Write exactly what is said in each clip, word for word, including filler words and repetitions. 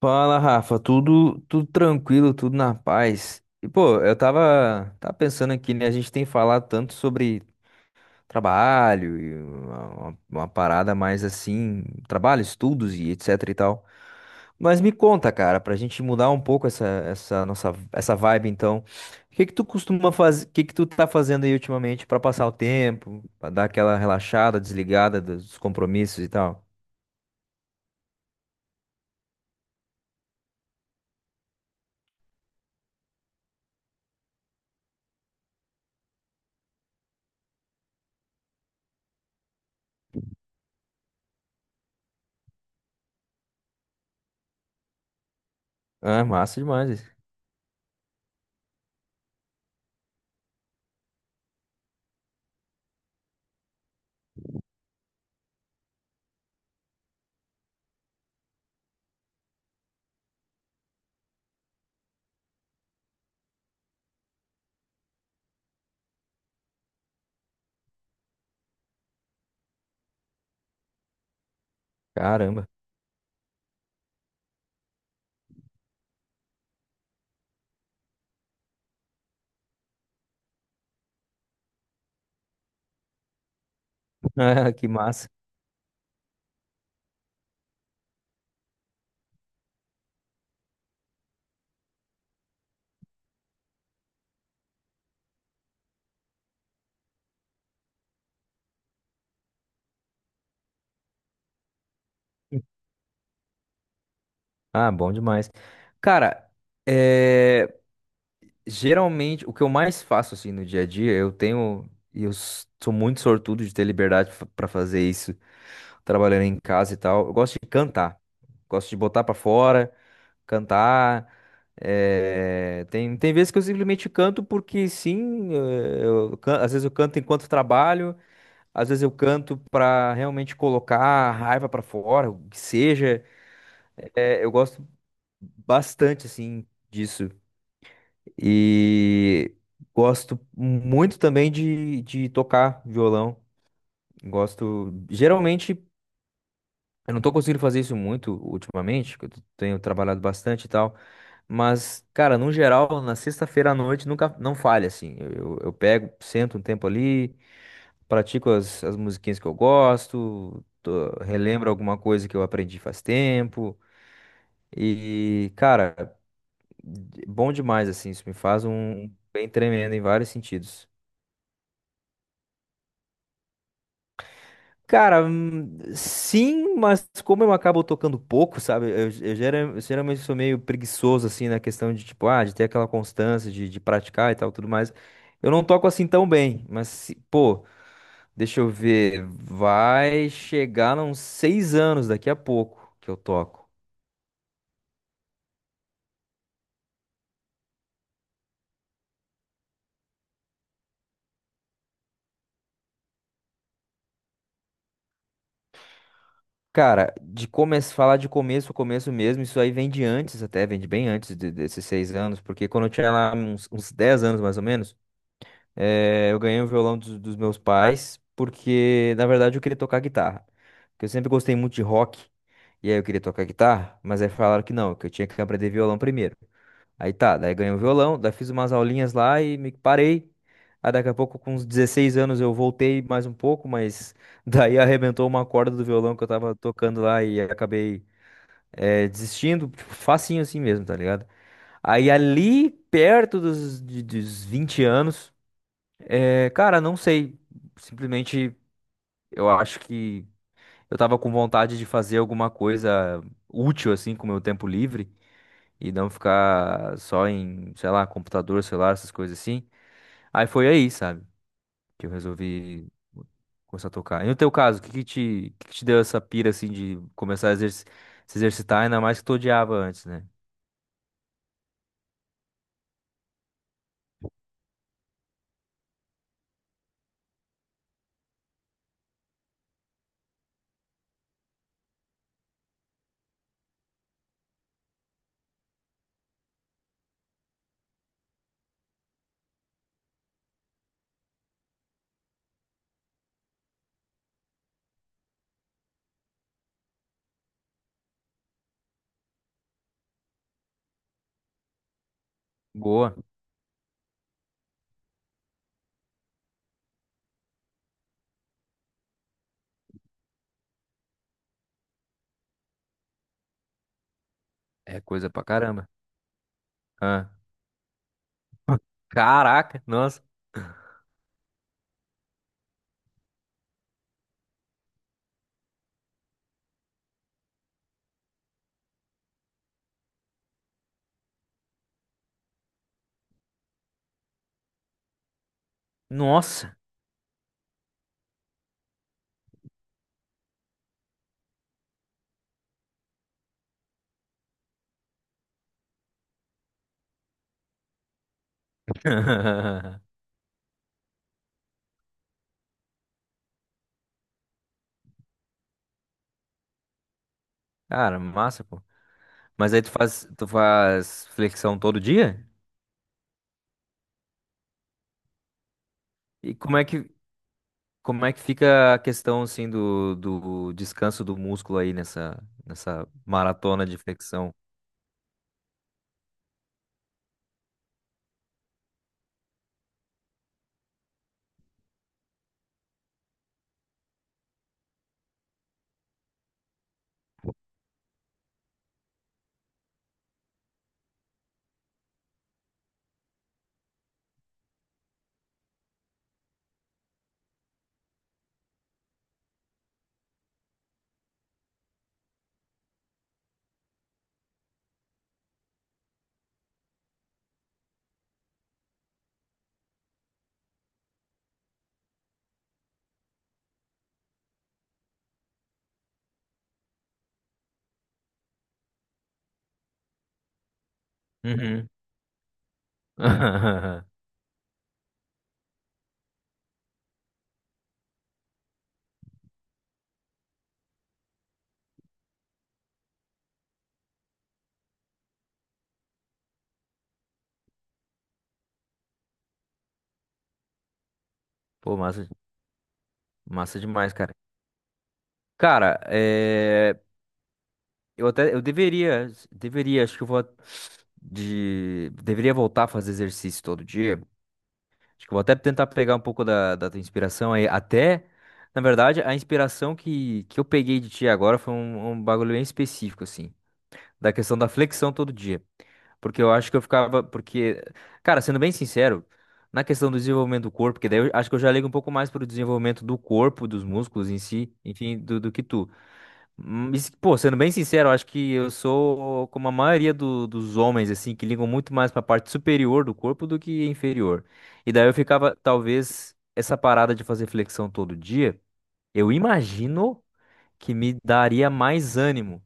Fala, Rafa, tudo, tudo tranquilo, tudo na paz. E pô, eu tava, tava pensando aqui, né? A gente tem falado tanto sobre trabalho e uma, uma- uma parada mais assim, trabalho, estudos e etc e tal. Mas me conta, cara, pra gente mudar um pouco essa, essa nossa, essa vibe, então, o que que tu costuma fazer, o que que tu tá fazendo aí ultimamente pra passar o tempo, pra dar aquela relaxada, desligada dos compromissos e tal? Ah, massa demais. Caramba, que massa. Ah, bom demais. Cara, é, geralmente o que eu mais faço assim no dia a dia, eu tenho e eu s- sou muito sortudo de ter liberdade para fazer isso, trabalhando em casa e tal. Eu gosto de cantar, gosto de botar pra fora, cantar. é, Tem tem vezes que eu simplesmente canto porque sim, eh, eu can- às vezes eu canto enquanto trabalho, às vezes eu canto pra realmente colocar a raiva pra fora, o que seja. É, eu gosto bastante assim disso. E gosto muito também de, de tocar violão. Gosto. Geralmente, eu não tô conseguindo fazer isso muito ultimamente, porque eu tenho trabalhado bastante e tal. Mas, cara, no geral, na sexta-feira à noite nunca não falha, assim. Eu, eu, eu pego, sento um tempo ali, pratico as, as musiquinhas que eu gosto, tô- relembro alguma coisa que eu aprendi faz tempo. E, cara, bom demais, assim. Isso me faz um bem tremendo em vários sentidos. Cara, hum, sim, mas como eu acabo tocando pouco, sabe? Eu, eu gera- eu geralmente sou meio preguiçoso, assim, na questão de, tipo, ah, de ter aquela constância, de, de praticar e tal, tudo mais. Eu não toco assim tão bem, mas, se- pô, deixa eu ver, vai chegar a uns seis anos daqui a pouco que eu toco. Cara, de começo, falar de começo, começo mesmo, isso aí vem de antes, até, vem de bem antes de- desses seis anos, porque quando eu tinha lá uns, uns dez anos, mais ou menos. Eh, eu ganhei o violão dos, dos meus pais porque, na verdade, eu queria tocar guitarra. Porque eu sempre gostei muito de rock. E aí eu queria tocar guitarra, mas aí falaram que não, que eu tinha que aprender violão primeiro. Aí tá, daí ganhei o violão, daí fiz umas aulinhas lá e me parei. Aí daqui a pouco, com uns dezesseis anos, eu voltei mais um pouco, mas daí arrebentou uma corda do violão que eu tava tocando lá e acabei eh, desistindo, tipo, facinho assim mesmo, tá ligado? Aí ali, perto dos, de- dos vinte anos. É, cara, não sei. Simplesmente eu acho que eu tava com vontade de fazer alguma coisa útil assim com o meu tempo livre e não ficar só em, sei lá, computador, celular, essas coisas assim. Aí foi aí, sabe, que eu resolvi começar a tocar. E no teu caso, o que que te, o que que te deu essa pira assim de começar a exerci- se exercitar, ainda mais que tu odiava antes, né? Boa, é coisa pra caramba. Ah, caraca, nossa, nossa. Cara, massa. Mas aí tu faz, tu faz flexão todo dia? E como é que, como é que fica a questão assim do, do descanso do músculo aí nessa, nessa maratona de flexão? Uhum. Pô, massa, massa demais, cara. Cara, é, eu até eu deveria, deveria, acho que eu vou de deveria voltar a fazer exercício todo dia. Acho que eu vou até tentar pegar um pouco da, da tua inspiração aí. Até, na verdade, a inspiração que, que eu peguei de ti agora foi um, um bagulho bem específico, assim, da questão da flexão todo dia. Porque eu acho que eu ficava. Porque, cara, sendo bem sincero, na questão do desenvolvimento do corpo, que daí eu acho que eu já ligo um pouco mais pro desenvolvimento do corpo, dos músculos em si, enfim, do, do que tu. Hum, isso- Pô, sendo bem sincero, eu acho que eu sou como a maioria do- dos homens, assim, que ligam muito mais pra parte superior do corpo do que inferior. E daí eu ficava, talvez, essa parada de fazer flexão todo dia, eu imagino que me daria mais ânimo,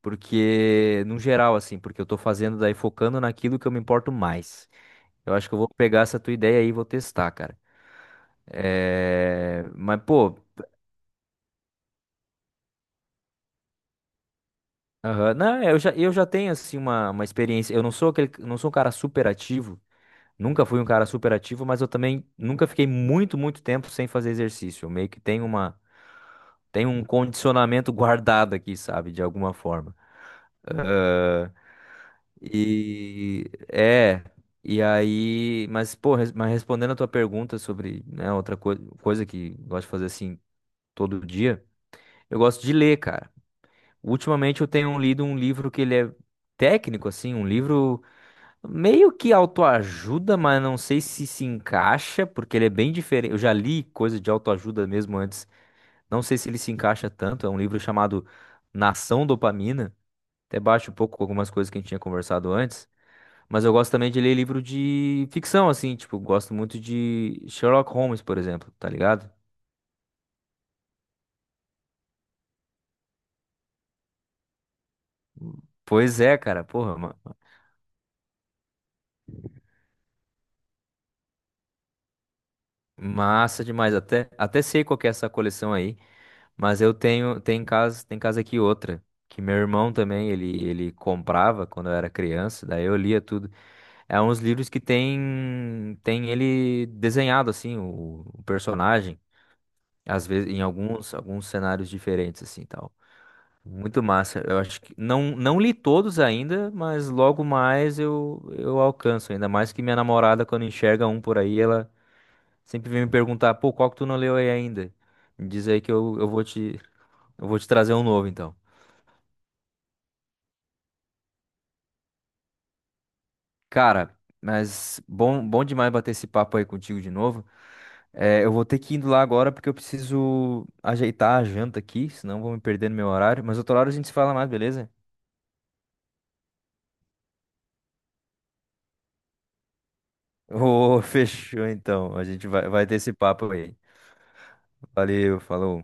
porque, no geral, assim, porque eu tô fazendo daí focando naquilo que eu me importo mais. Eu acho que eu vou pegar essa tua ideia aí e vou testar, cara. É... Mas, pô. Aham. Não, eu já, eu já tenho assim uma, uma experiência. Eu não sou aquele, não sou um cara super ativo, nunca fui um cara super ativo, mas eu também nunca fiquei muito, muito tempo sem fazer exercício. Eu meio que tenho uma, tenho um condicionamento guardado aqui, sabe, de alguma forma. Aham. E é, e aí, mas pô, res- mas respondendo a tua pergunta sobre, né, outra coi- coisa que eu gosto de fazer assim todo dia, eu gosto de ler, cara. Ultimamente eu tenho lido um livro que ele é técnico assim, um livro meio que autoajuda, mas não sei se se encaixa, porque ele é bem diferente. Eu já li coisa de autoajuda mesmo antes, não sei se ele se encaixa tanto. É um livro chamado Nação Dopamina, até bate um pouco com algumas coisas que a gente tinha conversado antes. Mas eu gosto também de ler livro de ficção, assim, tipo, gosto muito de Sherlock Holmes, por exemplo, tá ligado? Pois é, cara, porra, ma- massa demais. Até, até sei qual que é essa coleção aí. Mas eu tenho, tem casa, tem casa aqui outra, que meu irmão também, ele, ele comprava quando eu era criança, daí eu lia tudo. É uns livros que tem, tem ele desenhado, assim, o, o personagem, às vezes em alguns, alguns cenários diferentes, assim, tal. Muito massa. Eu acho que não, não li todos ainda, mas logo mais eu, eu alcanço. Ainda mais que minha namorada, quando enxerga um por aí, ela sempre vem me perguntar, pô, qual que tu não leu aí ainda? Me diz aí que eu, eu vou te, eu vou te trazer um novo, então. Cara, mas bom, bom demais bater esse papo aí contigo de novo. É, eu vou ter que ir indo lá agora porque eu preciso ajeitar a janta aqui, senão eu vou me perder no meu horário. Mas outro horário a gente se fala mais, beleza? Ô, fechou então. A gente vai, vai ter esse papo aí. Valeu, falou.